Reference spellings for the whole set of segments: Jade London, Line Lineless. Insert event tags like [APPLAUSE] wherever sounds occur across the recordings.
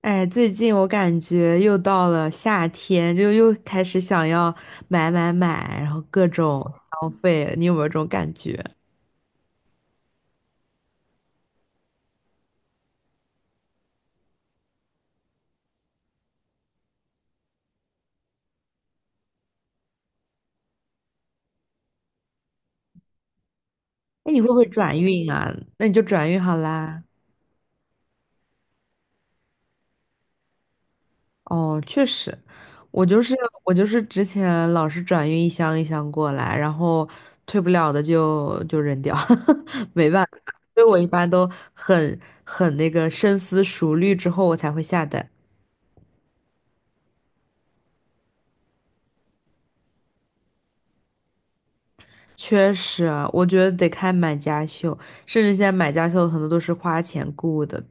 哎，最近我感觉又到了夏天，就又开始想要买买买，然后各种消费，你有没有这种感觉？哎，你会不会转运啊？那你就转运好啦。哦，确实，我就是我就是之前老是转运一箱一箱过来，然后退不了的就扔掉，[LAUGHS] 没办法，所以我一般都很那个深思熟虑之后我才会下单。确实啊，我觉得得看买家秀，甚至现在买家秀很多都是花钱雇的。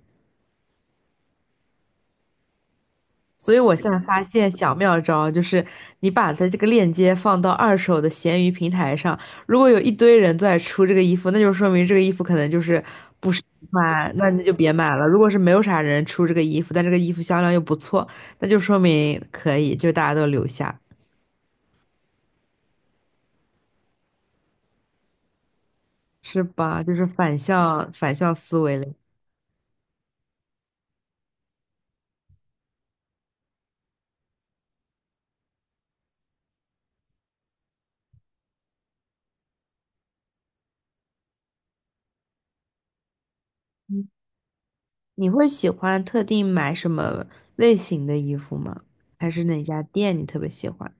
所以我现在发现小妙招就是，你把它这个链接放到二手的闲鱼平台上，如果有一堆人都在出这个衣服，那就说明这个衣服可能就是买，那你就别买了。如果是没有啥人出这个衣服，但这个衣服销量又不错，那就说明可以，就大家都留下，是吧？就是反向思维。你会喜欢特定买什么类型的衣服吗？还是哪家店你特别喜欢？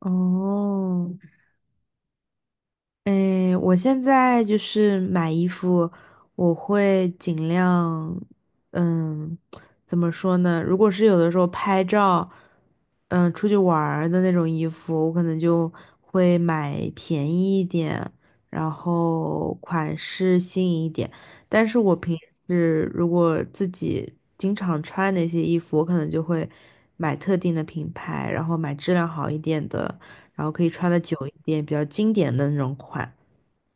哦，嗯，我现在就是买衣服，我会尽量，嗯，怎么说呢？如果是有的时候拍照，出去玩儿的那种衣服，我可能就会买便宜一点，然后款式新颖一点。但是我平时如果自己经常穿那些衣服，我可能就会买特定的品牌，然后买质量好一点的。然后可以穿的久一点，比较经典的那种款。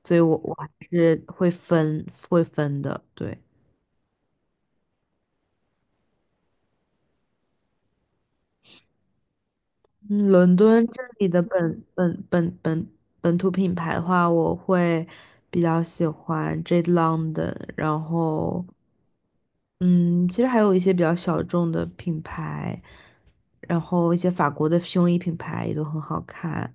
所以我还是会分的，对。嗯，伦敦这里的本土品牌的话，我会比较喜欢 Jade London，然后嗯，其实还有一些比较小众的品牌，然后一些法国的胸衣品牌也都很好看。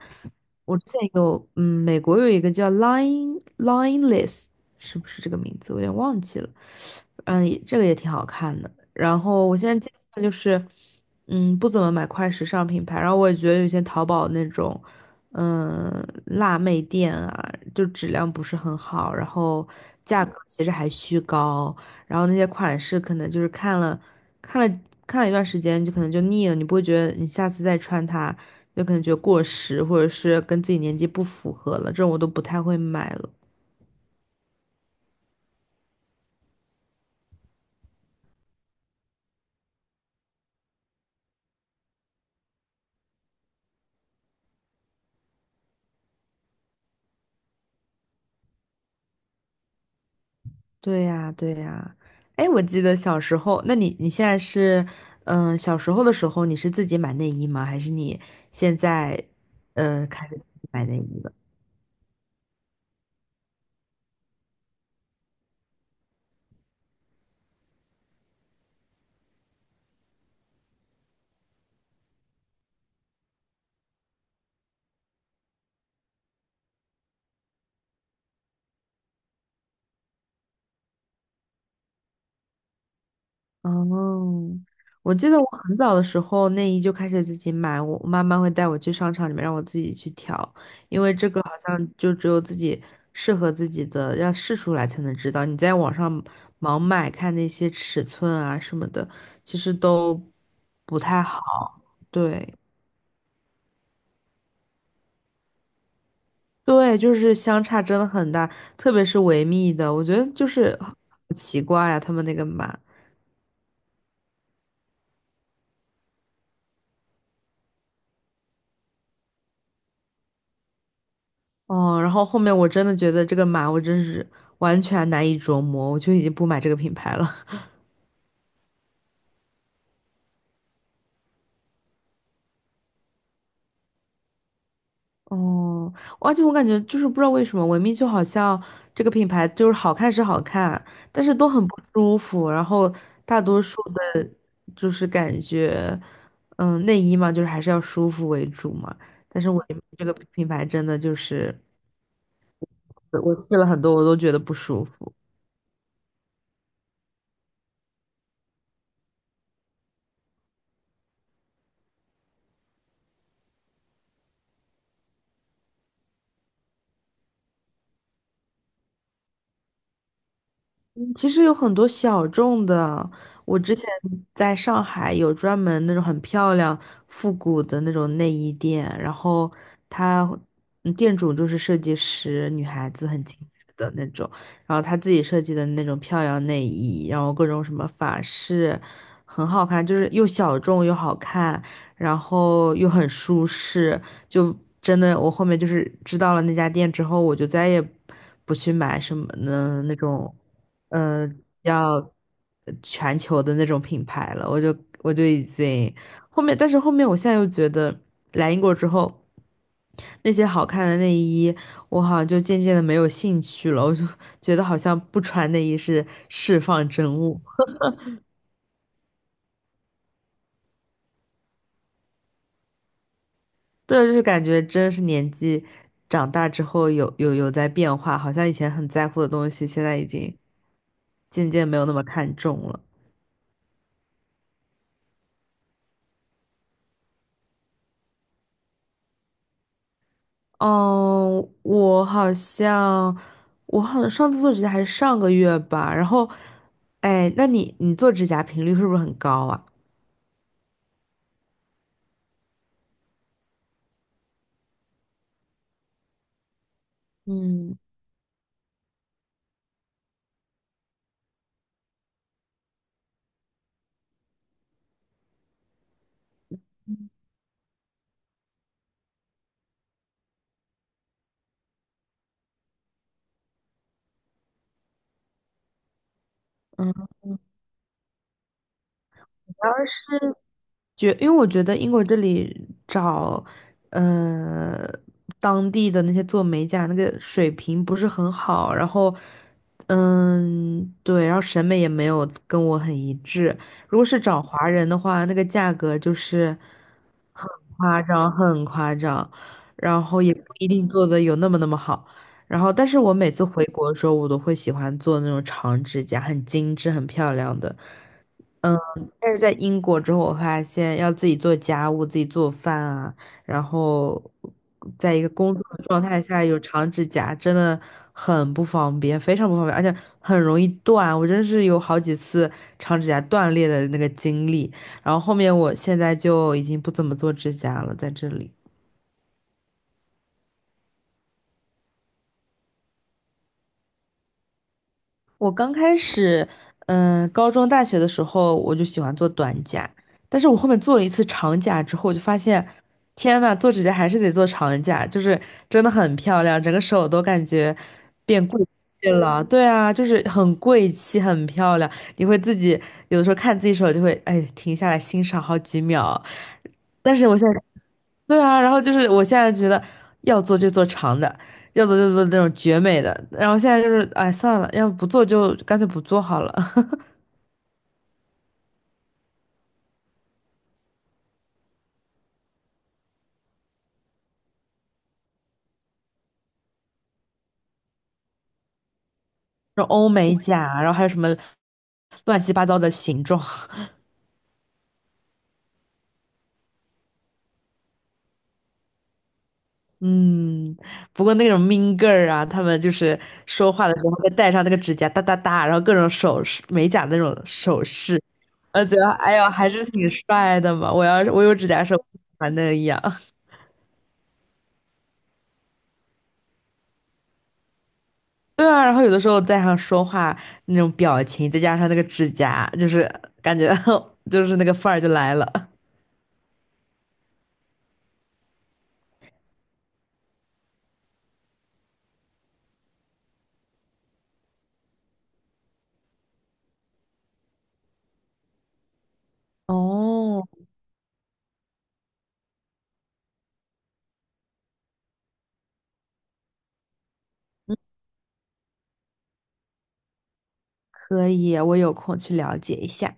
我之前有，嗯，美国有一个叫 Line Lineless，是不是这个名字？我有点忘记了。嗯，也这个也挺好看的。然后我现在接下来就是，不怎么买快时尚品牌，然后我也觉得有些淘宝那种，辣妹店啊，就质量不是很好，然后价格其实还虚高。然后那些款式可能就是看了看了一段时间，就可能就腻了，你不会觉得你下次再穿它，就可能觉得过时，或者是跟自己年纪不符合了，这种我都不太会买了。对呀，对呀。哎，我记得小时候，那你现在是，小时候的时候你是自己买内衣吗？还是你现在开始自己买内衣了？哦，我记得我很早的时候内衣就开始自己买，我妈妈会带我去商场里面让我自己去挑，因为这个好像就只有自己适合自己的，要试出来才能知道。你在网上盲买看那些尺寸啊什么的，其实都不太好。对对，就是相差真的很大，特别是维密的，我觉得就是好奇怪呀、他们那个码。哦，然后后面我真的觉得这个码我真是完全难以琢磨，我就已经不买这个品牌了。[LAUGHS] 哦，而且我感觉就是不知道为什么，维密就好像这个品牌就是好看是好看，但是都很不舒服。然后大多数的，就是感觉，内衣嘛，就是还是要舒服为主嘛。但是维密这个品牌真的就是，我试了很多，我都觉得不舒服。嗯，其实有很多小众的，我之前在上海有专门那种很漂亮、复古的那种内衣店，然后它店主就是设计师，女孩子很精致的那种，然后她自己设计的那种漂亮内衣，然后各种什么法式，很好看，就是又小众又好看，然后又很舒适，就真的我后面就是知道了那家店之后，我就再也不去买什么的那种，呃，要全球的那种品牌了。我就已经后面，但是后面我现在又觉得来英国之后，那些好看的内衣，我好像就渐渐的没有兴趣了。我就觉得好像不穿内衣是释放真我。对，就是感觉真是年纪长大之后有在变化，好像以前很在乎的东西，现在已经渐渐没有那么看重了。嗯，我好像上次做指甲还是上个月吧，然后，哎，那你做指甲频率是不是很高啊？嗯嗯，主要是觉，因为我觉得英国这里找，呃，当地的那些做美甲那个水平不是很好，然后，嗯，对，然后审美也没有跟我很一致。如果是找华人的话，那个价格就是很夸张，很夸张，然后也不一定做的有那么那么好。然后，但是我每次回国的时候，我都会喜欢做那种长指甲，很精致、很漂亮的。嗯。但是在英国之后，我发现要自己做家务、自己做饭啊，然后在一个工作的状态下有长指甲，真的很不方便，非常不方便，而且很容易断。我真是有好几次长指甲断裂的那个经历。然后后面我现在就已经不怎么做指甲了，在这里。我刚开始，高中、大学的时候我就喜欢做短甲，但是我后面做了一次长甲之后，我就发现，天呐，做指甲还是得做长甲，就是真的很漂亮，整个手都感觉变贵气了。对啊，就是很贵气，很漂亮。你会自己有的时候看自己手，就会哎停下来欣赏好几秒。但是我现在。对啊，然后就是我现在觉得要做就做长的，要做就做那种绝美的，然后现在就是哎算了，要不做就干脆不做好了。[LAUGHS] 然后欧美甲啊，然后还有什么乱七八糟的形状，[LAUGHS] 嗯，不过那种 mean girl 啊，他们就是说话的时候会戴上那个指甲哒哒哒，然后各种首饰、美甲那种首饰，我觉得哎呦还是挺帅的嘛，我要是我有指甲的时候，不喜欢那样。对啊，然后有的时候在上说话那种表情，再加上那个指甲，就是感觉 [LAUGHS] 就是那个范儿就来了。哦，可以，我有空去了解一下。